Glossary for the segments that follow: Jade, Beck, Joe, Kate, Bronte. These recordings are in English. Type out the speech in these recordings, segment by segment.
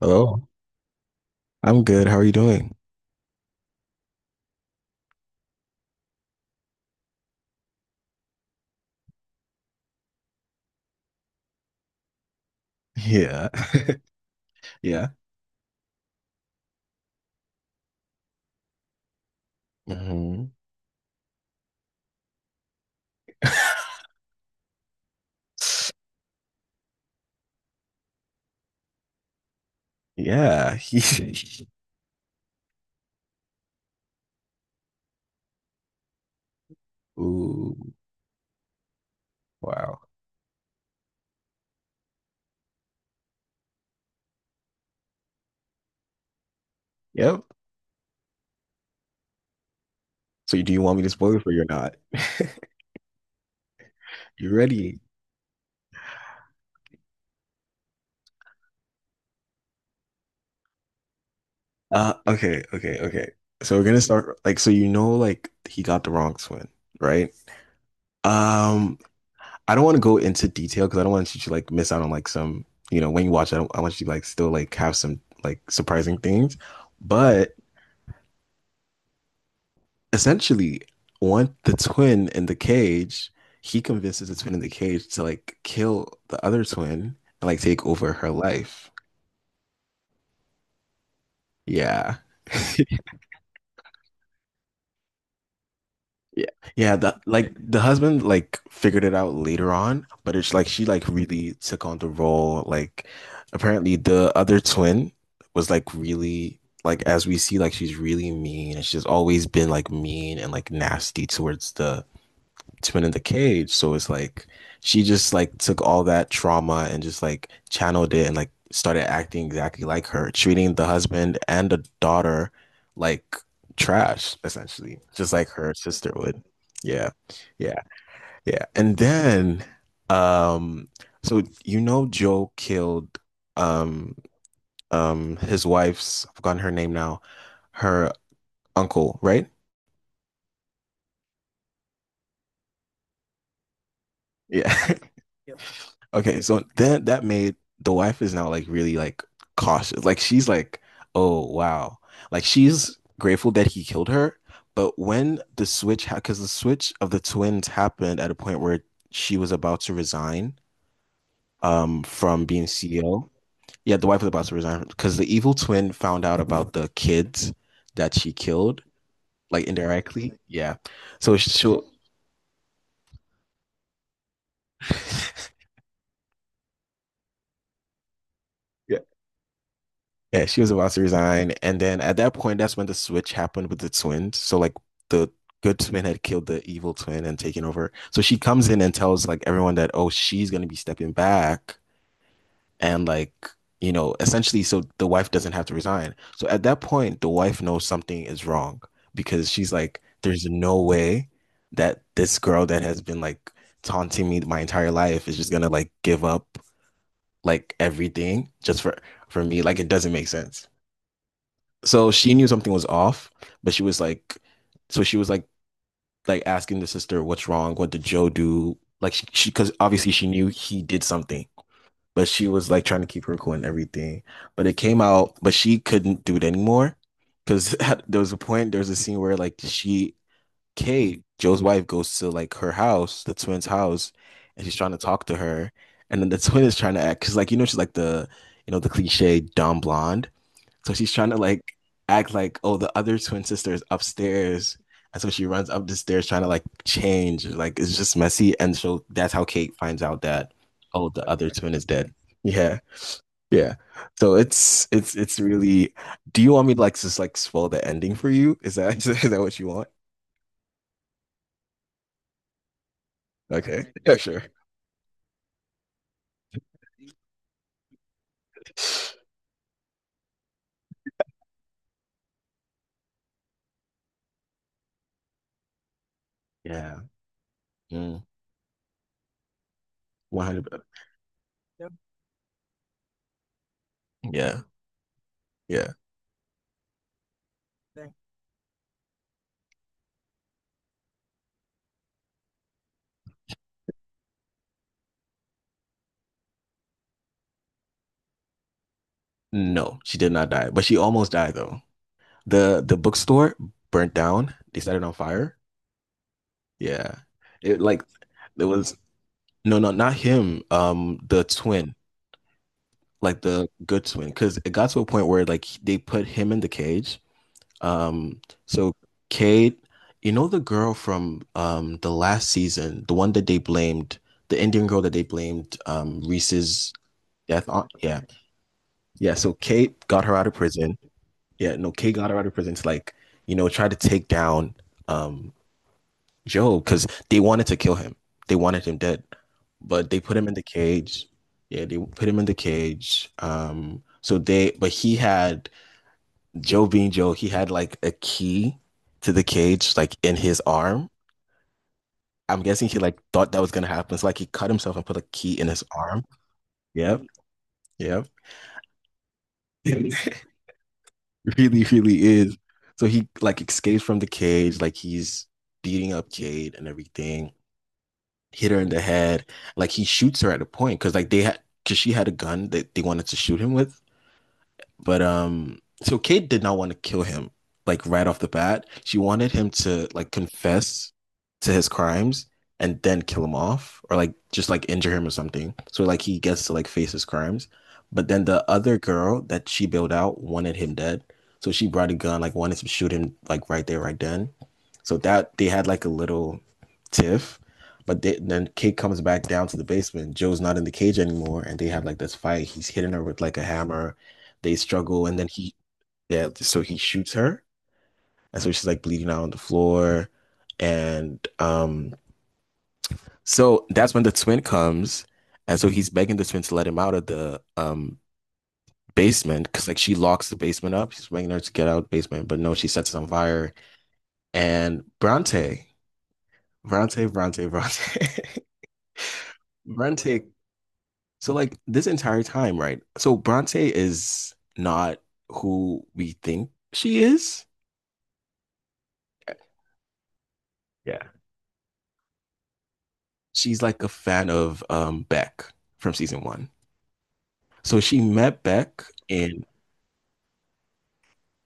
Hello, I'm good. How are you doing? Yeah, yeah, hmm yeah. Ooh, wow. Yep. So, do you want me to spoil it for you or not? You ready? Okay, okay, okay. So we're gonna start like so you know like he got the wrong twin, right? Um, I don't want to go into detail because I don't want you to like miss out on like some you know when you watch. I don't, I want you to like still like have some like surprising things, but. Essentially one the twin in the cage. He convinces the twin in the cage to like kill the other twin and like take over her life. Yeah. Yeah. Yeah, the like the husband like figured it out later on, but it's like she like really took on the role. Like apparently the other twin was like really like as we see like she's really mean and she's always been like mean and like nasty towards the it's been in the cage. So it's like she just like took all that trauma and just like channeled it and like started acting exactly like her, treating the husband and the daughter like trash, essentially, just like her sister would. Yeah. Yeah. Yeah. And then um so you know Joe killed um his wife's, I've forgotten her name now, her uncle, right? Yeah. Yep. Okay, so then that made the wife is now like really like cautious. Like she's like, oh wow. Like she's grateful that he killed her, but when the switch ha because the switch of the twins happened at a point where she was about to resign from being CEO. Yeah, the wife was about to resign because the evil twin found out about the kids that she killed, like indirectly. Yeah. So she'll Yeah, she was about to resign. And then at that point, that's when the switch happened with the twins. So like the good twin had killed the evil twin and taken over. So she comes in and tells like everyone that, oh, she's gonna be stepping back and like, you know, essentially so the wife doesn't have to resign. So at that point, the wife knows something is wrong because she's like, there's no way that this girl that has been like taunting me my entire life is just gonna like give up like everything just for me. Like it doesn't make sense so she knew something was off, but she was like, so she was like asking the sister, "What's wrong? What did Joe do?" Like she, because obviously she knew he did something, but she was like trying to keep her cool and everything. But it came out, but she couldn't do it anymore because there was a scene where like she, Kate, Joe's wife, goes to like her house, the twins' house, and she's trying to talk to her, and then the twin is trying to act because like you know she's like the, you know the cliche dumb blonde. So she's trying to like act like, oh, the other twin sister is upstairs. And so she runs up the stairs trying to like change. Like it's just messy. And so that's how Kate finds out that, oh, the other twin is dead. Yeah. Yeah. So it's really do you want me to like just like spoil the ending for you? Is that is that what you want? Okay. Yeah, sure. Yeah. Mm, 100. Yeah. Yeah. No, she did not die, but she almost died though. The bookstore burnt down. They set it on fire. Yeah. It like it was no, no, not him. The twin, like the good twin. Cause it got to a point where like they put him in the cage. Um so Cade, you know the girl from the last season, the one that they blamed, the Indian girl that they blamed Reese's death on. Yeah. Yeah. So Kate got her out of prison. Yeah, no, Kate got her out of prison to like, you know, try to take down um Joe, because they wanted to kill him. They wanted him dead, but they put him in the cage. Yeah, they put him in the cage. But he had Joe being Joe, he had like a key to the cage, like in his arm. I'm guessing he like thought that was gonna happen. So like he cut himself and put a key in his arm. Yep, yep. Really, really is. So he like escapes from the cage, like he's beating up Jade and everything. Hit her in the head. Like he shoots her at a point because like they had because she had a gun that they wanted to shoot him with, but so Kate did not want to kill him like right off the bat. She wanted him to like confess to his crimes and then kill him off or like just like injure him or something. So like he gets to like face his crimes. But then the other girl that she bailed out wanted him dead. So she brought a gun, like wanted to shoot him like right there, right then. So that they had like a little tiff. Then Kate comes back down to the basement. Joe's not in the cage anymore, and they have like this fight. He's hitting her with like a hammer, they struggle, and yeah, so he shoots her, and so she's like bleeding out on the floor, and so that's when the twin comes, and so he's begging the twin to let him out of the basement because like she locks the basement up. She's begging her to get out of the basement, but no, she sets it on fire, and Bronte, Bronte. So like this entire time, right? So Bronte is not who we think she is. Yeah. She's like a fan of Beck from season one. So she met Beck in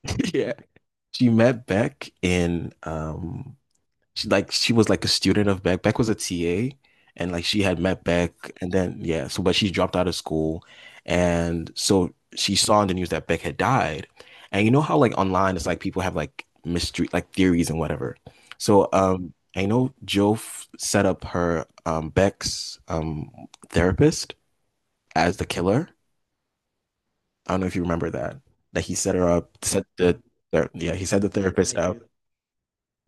yeah, she met Beck in she like she was like a student of Beck. Beck was a TA and like she had met Beck and then yeah, so but she dropped out of school and so she saw in the news that Beck had died. And you know how like online it's like people have like mystery like theories and whatever. So I know Joe set up her Beck's therapist as the killer. I don't know if you remember that. That he set her up, yeah, he set the therapist up,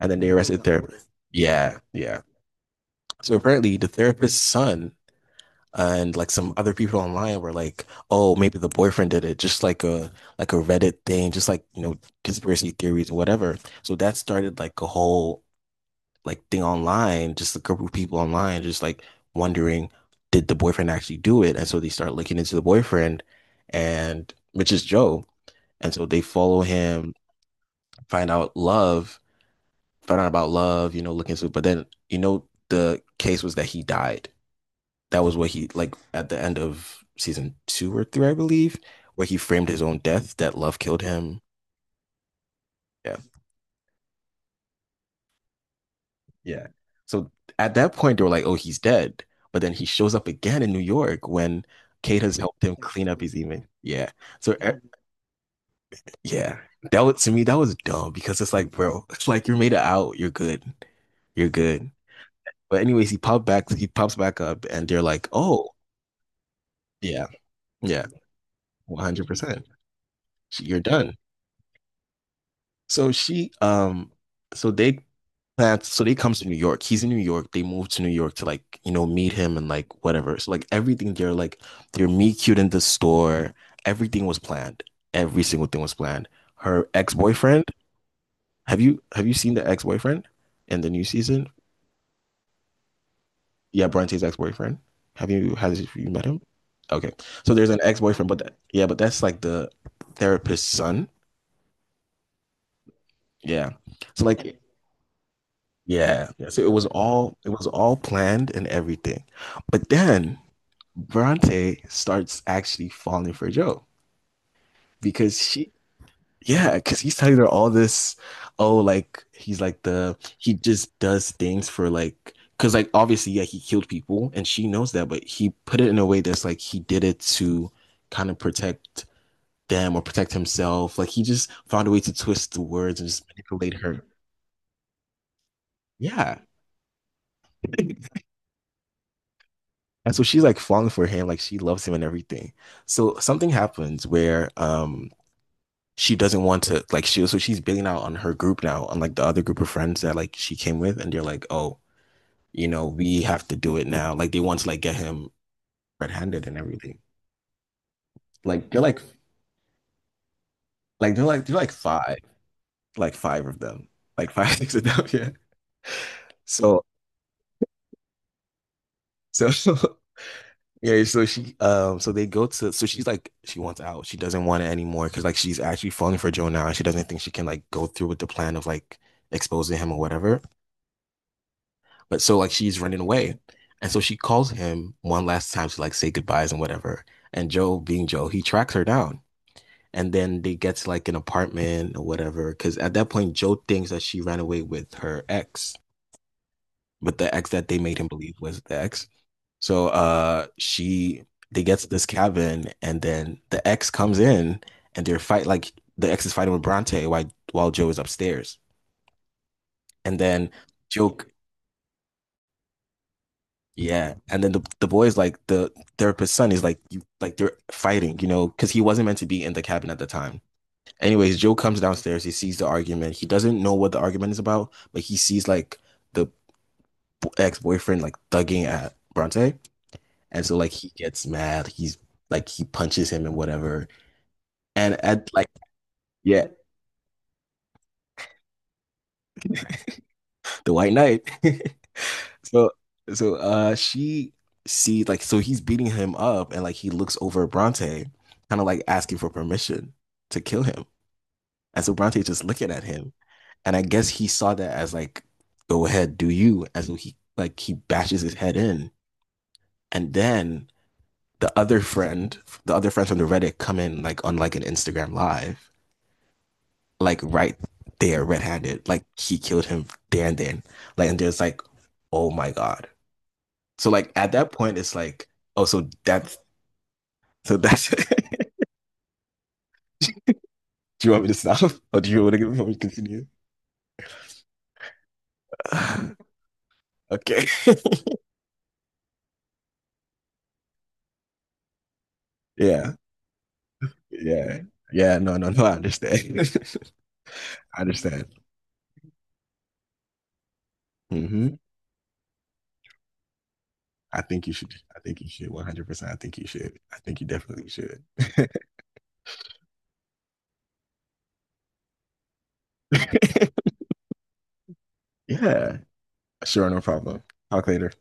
and then they arrested the therapist. Yeah, yeah. So apparently, the therapist's son and like some other people online were like, "Oh, maybe the boyfriend did it," just like a Reddit thing, just like you know conspiracy theories or whatever. So that started like a whole like thing online, just a group of people online, just like wondering, did the boyfriend actually do it? And so they start looking into the boyfriend, and which is Joe. And so they follow him, find out love, find out about love, you know, looking so but then you know the case was that he died. That was what he like at the end of season two or three, I believe, where he framed his own death that love killed him. Yeah. Yeah. So at that point they were like, oh, he's dead. But then he shows up again in New York when Kate has helped him clean up his image. Yeah. So e- yeah. That was to me, that was dumb because it's like, bro, it's like you made it out, you're good. You're good. But anyways, he popped back. He pops back up, and they're like, "Oh, yeah, yeah, 100%. You're done." So she, so they plans. So they comes to New York. He's in New York. They move to New York to like you know meet him and like whatever. So like everything, they're meet cute in the store. Everything was planned. Every single thing was planned. Her ex boyfriend. Have you seen the ex boyfriend in the new season? Yeah, Bronte's ex-boyfriend. Have you has you met him? Okay. So there's an ex-boyfriend, yeah, but that's like the therapist's son. Yeah. So like yeah, yeah. So it was all planned and everything. But then Bronte starts actually falling for Joe because she yeah, because he's telling her all this, oh, like he's like the he just does things for like because like obviously yeah he killed people and she knows that, but he put it in a way that's like he did it to kind of protect them or protect himself. Like he just found a way to twist the words and just manipulate her. Yeah. And so she's like falling for him, like she loves him and everything. So something happens where she doesn't want to like she so she's bailing out on her group now, on like the other group of friends that like she came with, and they're like, oh you know, we have to do it now. Like they want to like get him red-handed and everything. Like they're like five, like five of them, like five six of them. Yeah. So so yeah. So she so they go to so she's like she wants out. She doesn't want it anymore because like she's actually falling for Joe now and she doesn't think she can like go through with the plan of like exposing him or whatever. But so like she's running away. And so she calls him one last time to like say goodbyes and whatever. And Joe, being Joe, he tracks her down and then they get like an apartment or whatever. Because at that point, Joe thinks that she ran away with her ex, with the ex that they made him believe was the ex. So she they get to this cabin, and then the ex comes in, and the ex is fighting with Bronte while Joe is upstairs, and then Joe. Yeah, and then the boy is like the therapist's son is like you like they're fighting, you know, because he wasn't meant to be in the cabin at the time. Anyways, Joe comes downstairs. He sees the argument. He doesn't know what the argument is about, but he sees like the ex boyfriend like thugging at Bronte, and so like he gets mad. He's like he punches him and whatever. And at like yeah, the White Knight. So so she sees like so he's beating him up, and like he looks over at Bronte, kind of like asking for permission to kill him. And so Bronte just looking at him, and I guess he saw that as like, go ahead, do you. And so he bashes his head in. And then the other friend, the other friends from the Reddit come in like on like an Instagram live, like right there, red handed. Like he killed him there and then. Like and there's like, oh my God. So like at that point it's like, oh so that's do you want me to stop? Or do you want to me continue? Okay. Yeah. Yeah. Yeah. No, no, no, I understand. I understand. Hmm. I think you should. I think you should. 100%. I think you should. I think you definitely should. Yeah. Sure, no problem. Talk later.